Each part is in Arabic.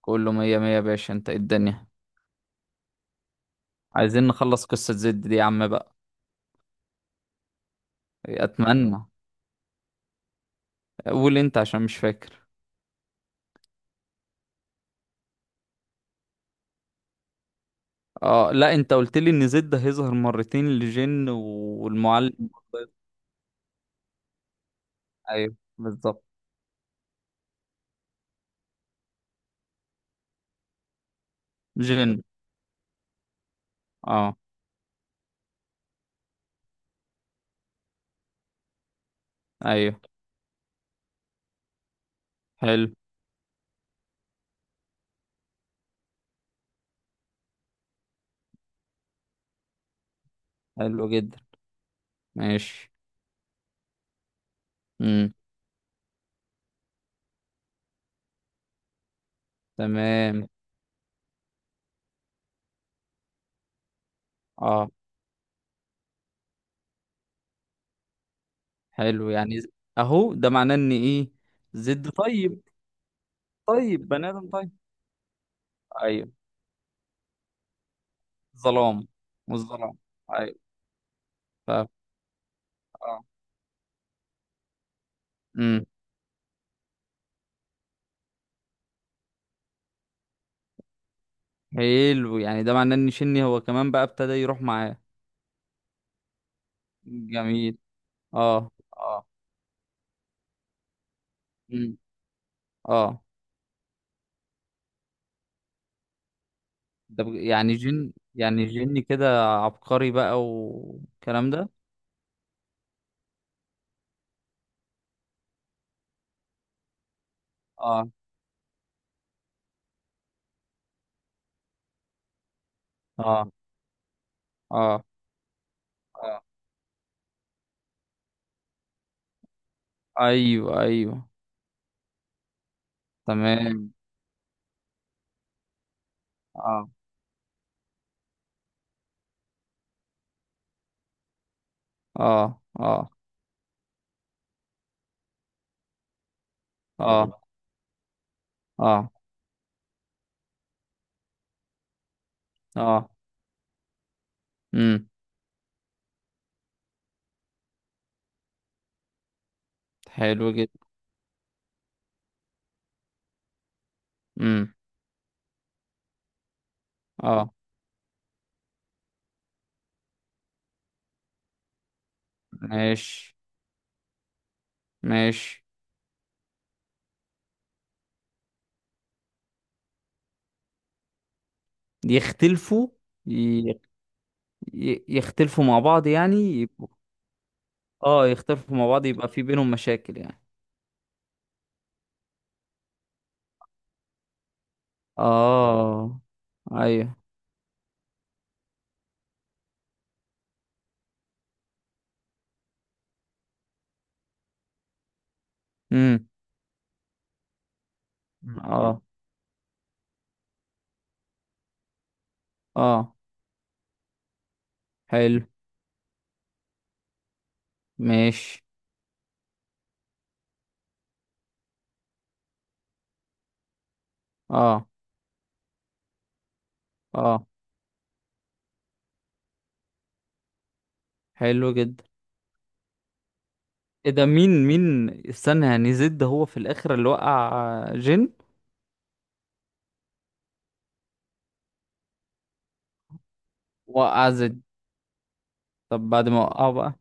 كله مية مية يا باشا، انت ايه الدنيا؟ عايزين نخلص قصة زد دي يا عم بقى. اتمنى. قول انت عشان مش فاكر. اه لا، انت قلت لي ان زد هيظهر مرتين لجن والمعلم. ايوه بالظبط. جن. اه. ايوه. حلو. حلو جدا. ماشي. امم تمام. اه. حلو يعني اهو ده معناه ان ايه؟ زد طيب؟ طيب بني ادم طيب. ايوه. ظلام. والظلام. ايوه. ف... اه. حلو يعني ده معناه ان شني هو كمان بقى ابتدى يروح معاه. جميل. اه. اه. امم اه. ده يعني جن يعني جني كده عبقري بقى والكلام ده. اه. اه. اه. اه. ايوه ايوه. تمام. اه. اه. اه. اه. اه. اه. امم. حلو جدا. امم. اه. ماشي. ماشي. يختلفوا. ي- يختلفوا مع بعض يعني. اه يختلفوا مع بعض يبقى في بينهم مشاكل يعني. اه. ايوه. امم. اه. اه. حلو. ماشي. اه. اه. حلو جدا. ايه ده؟ مين؟ مين استنى يعني زد ده هو في الاخر اللي وقع جن؟ وقع زد؟ طب بعد ما وقعه بقى.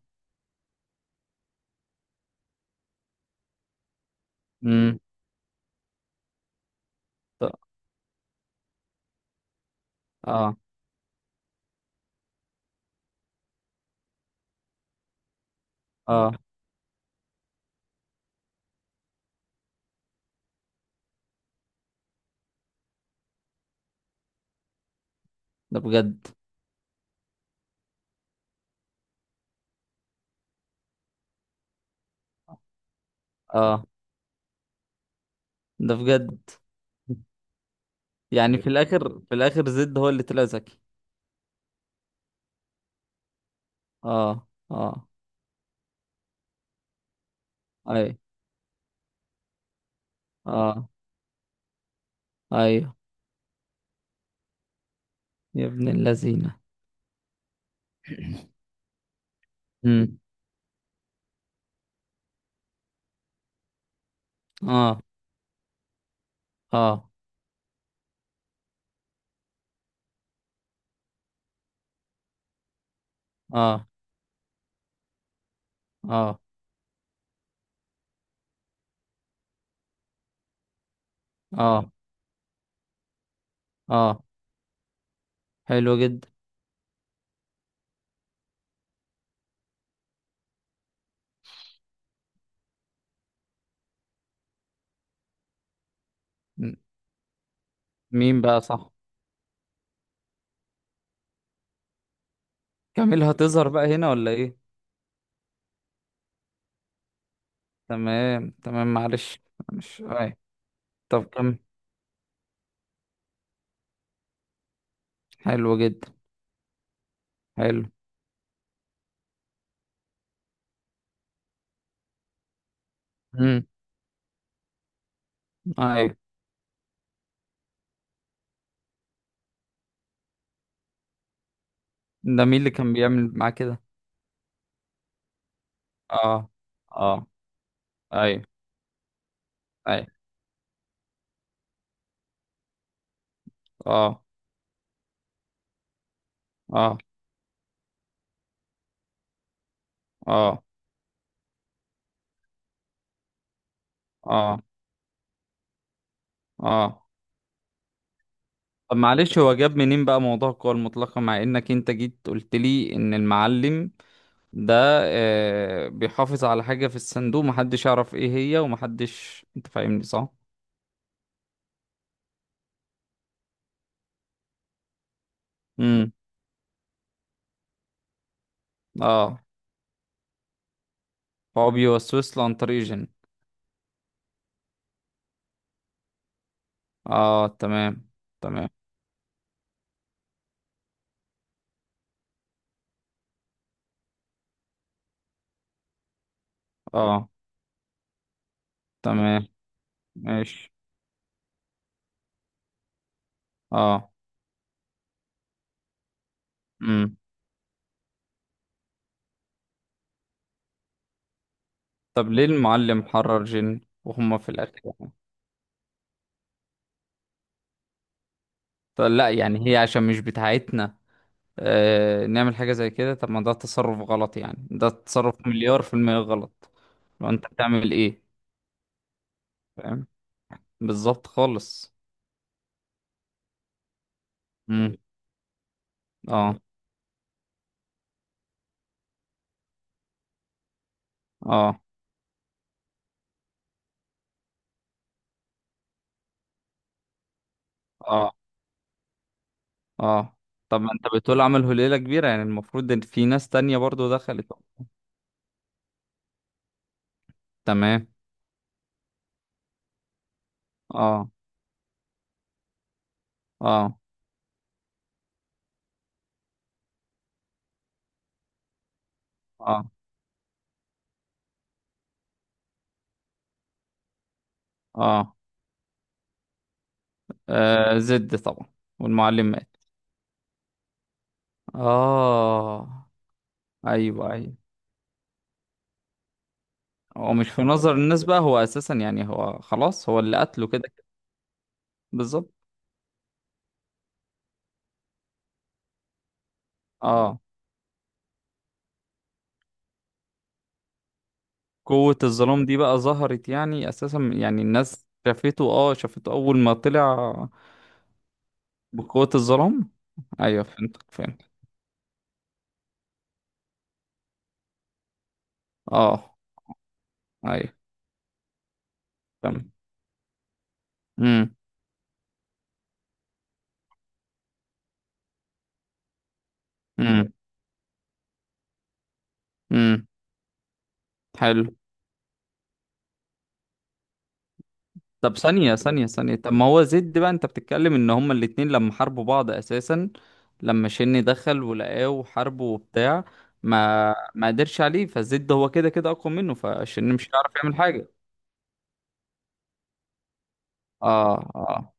امم. طب- اه. اه. ده بجد؟ اه. ده بجد؟ يعني في الاخر، في الاخر زد هو اللي طلع ذكي. اه. اه. اي. اه. ايوه. يا ابن اللذينه. اه. اه. اه. اه. اه. اه. حلو جدا. م- مين بقى صح. كامل هتظهر بقى هنا ولا ايه؟ تمام تمام، معلش. مش اي. طب كم. حلو جدا. حلو. امم. ايوه. ده مين اللي كان بيعمل معاه كده؟ اه. اه. ايوه ايوه. اه. اه. اه. اه. اه. طب معلش، هو جاب منين بقى موضوع القوى المطلقة مع انك انت جيت قلت لي ان المعلم ده آه، بيحافظ على حاجة في الصندوق محدش يعرف ايه هي ومحدش، انت فاهمني صح؟ امم. اه. هو بيوسوس له عن طريق جن؟ اه تمام. تمام. اه. تمام. ماشي. اه. امم. طب ليه المعلم حرر جن وهم في الاخر يعني؟ طب لا يعني هي عشان مش بتاعتنا آه نعمل حاجة زي كده؟ طب ما ده تصرف غلط، يعني ده تصرف مليار في المية غلط. لو انت بتعمل ايه. فاهم. بالظبط خالص. امم. اه. اه. اه. اه. طب ما انت بتقول عملوا ليلة كبيرة، يعني المفروض ان في ناس تانية برضو دخلت. تمام. اه. اه. اه. اه. آه، زد طبعا. والمعلم مات. اه. ايوه ايوه. هو مش في نظر الناس بقى، هو اساسا يعني هو خلاص هو اللي قتله كده كده. بالظبط. اه. قوة الظلام دي بقى ظهرت يعني اساسا، يعني الناس شافته، اه شافته اول ما طلع بقوة الظلام. ايوه فهمتك، فهمت. اه. ايوه. تمام. امم امم. امم. حلو. طب ثانية ثانية ثانية، طب ما هو زد بقى، انت بتتكلم ان هما الاتنين لما حاربوا بعض اساسا، لما شن دخل ولقاه وحاربه وبتاع، ما قدرش عليه، فزد هو كده كده اقوى منه، فشن مش هيعرف يعمل حاجة. اه. اه.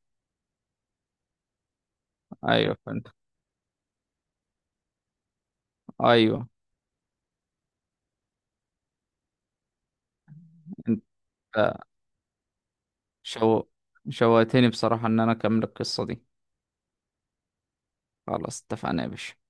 ايوه فهمت. ايوه. انت. شو. شوقتني بصراحة ان انا اكمل القصة دي. خلاص اتفقنا يا باشا.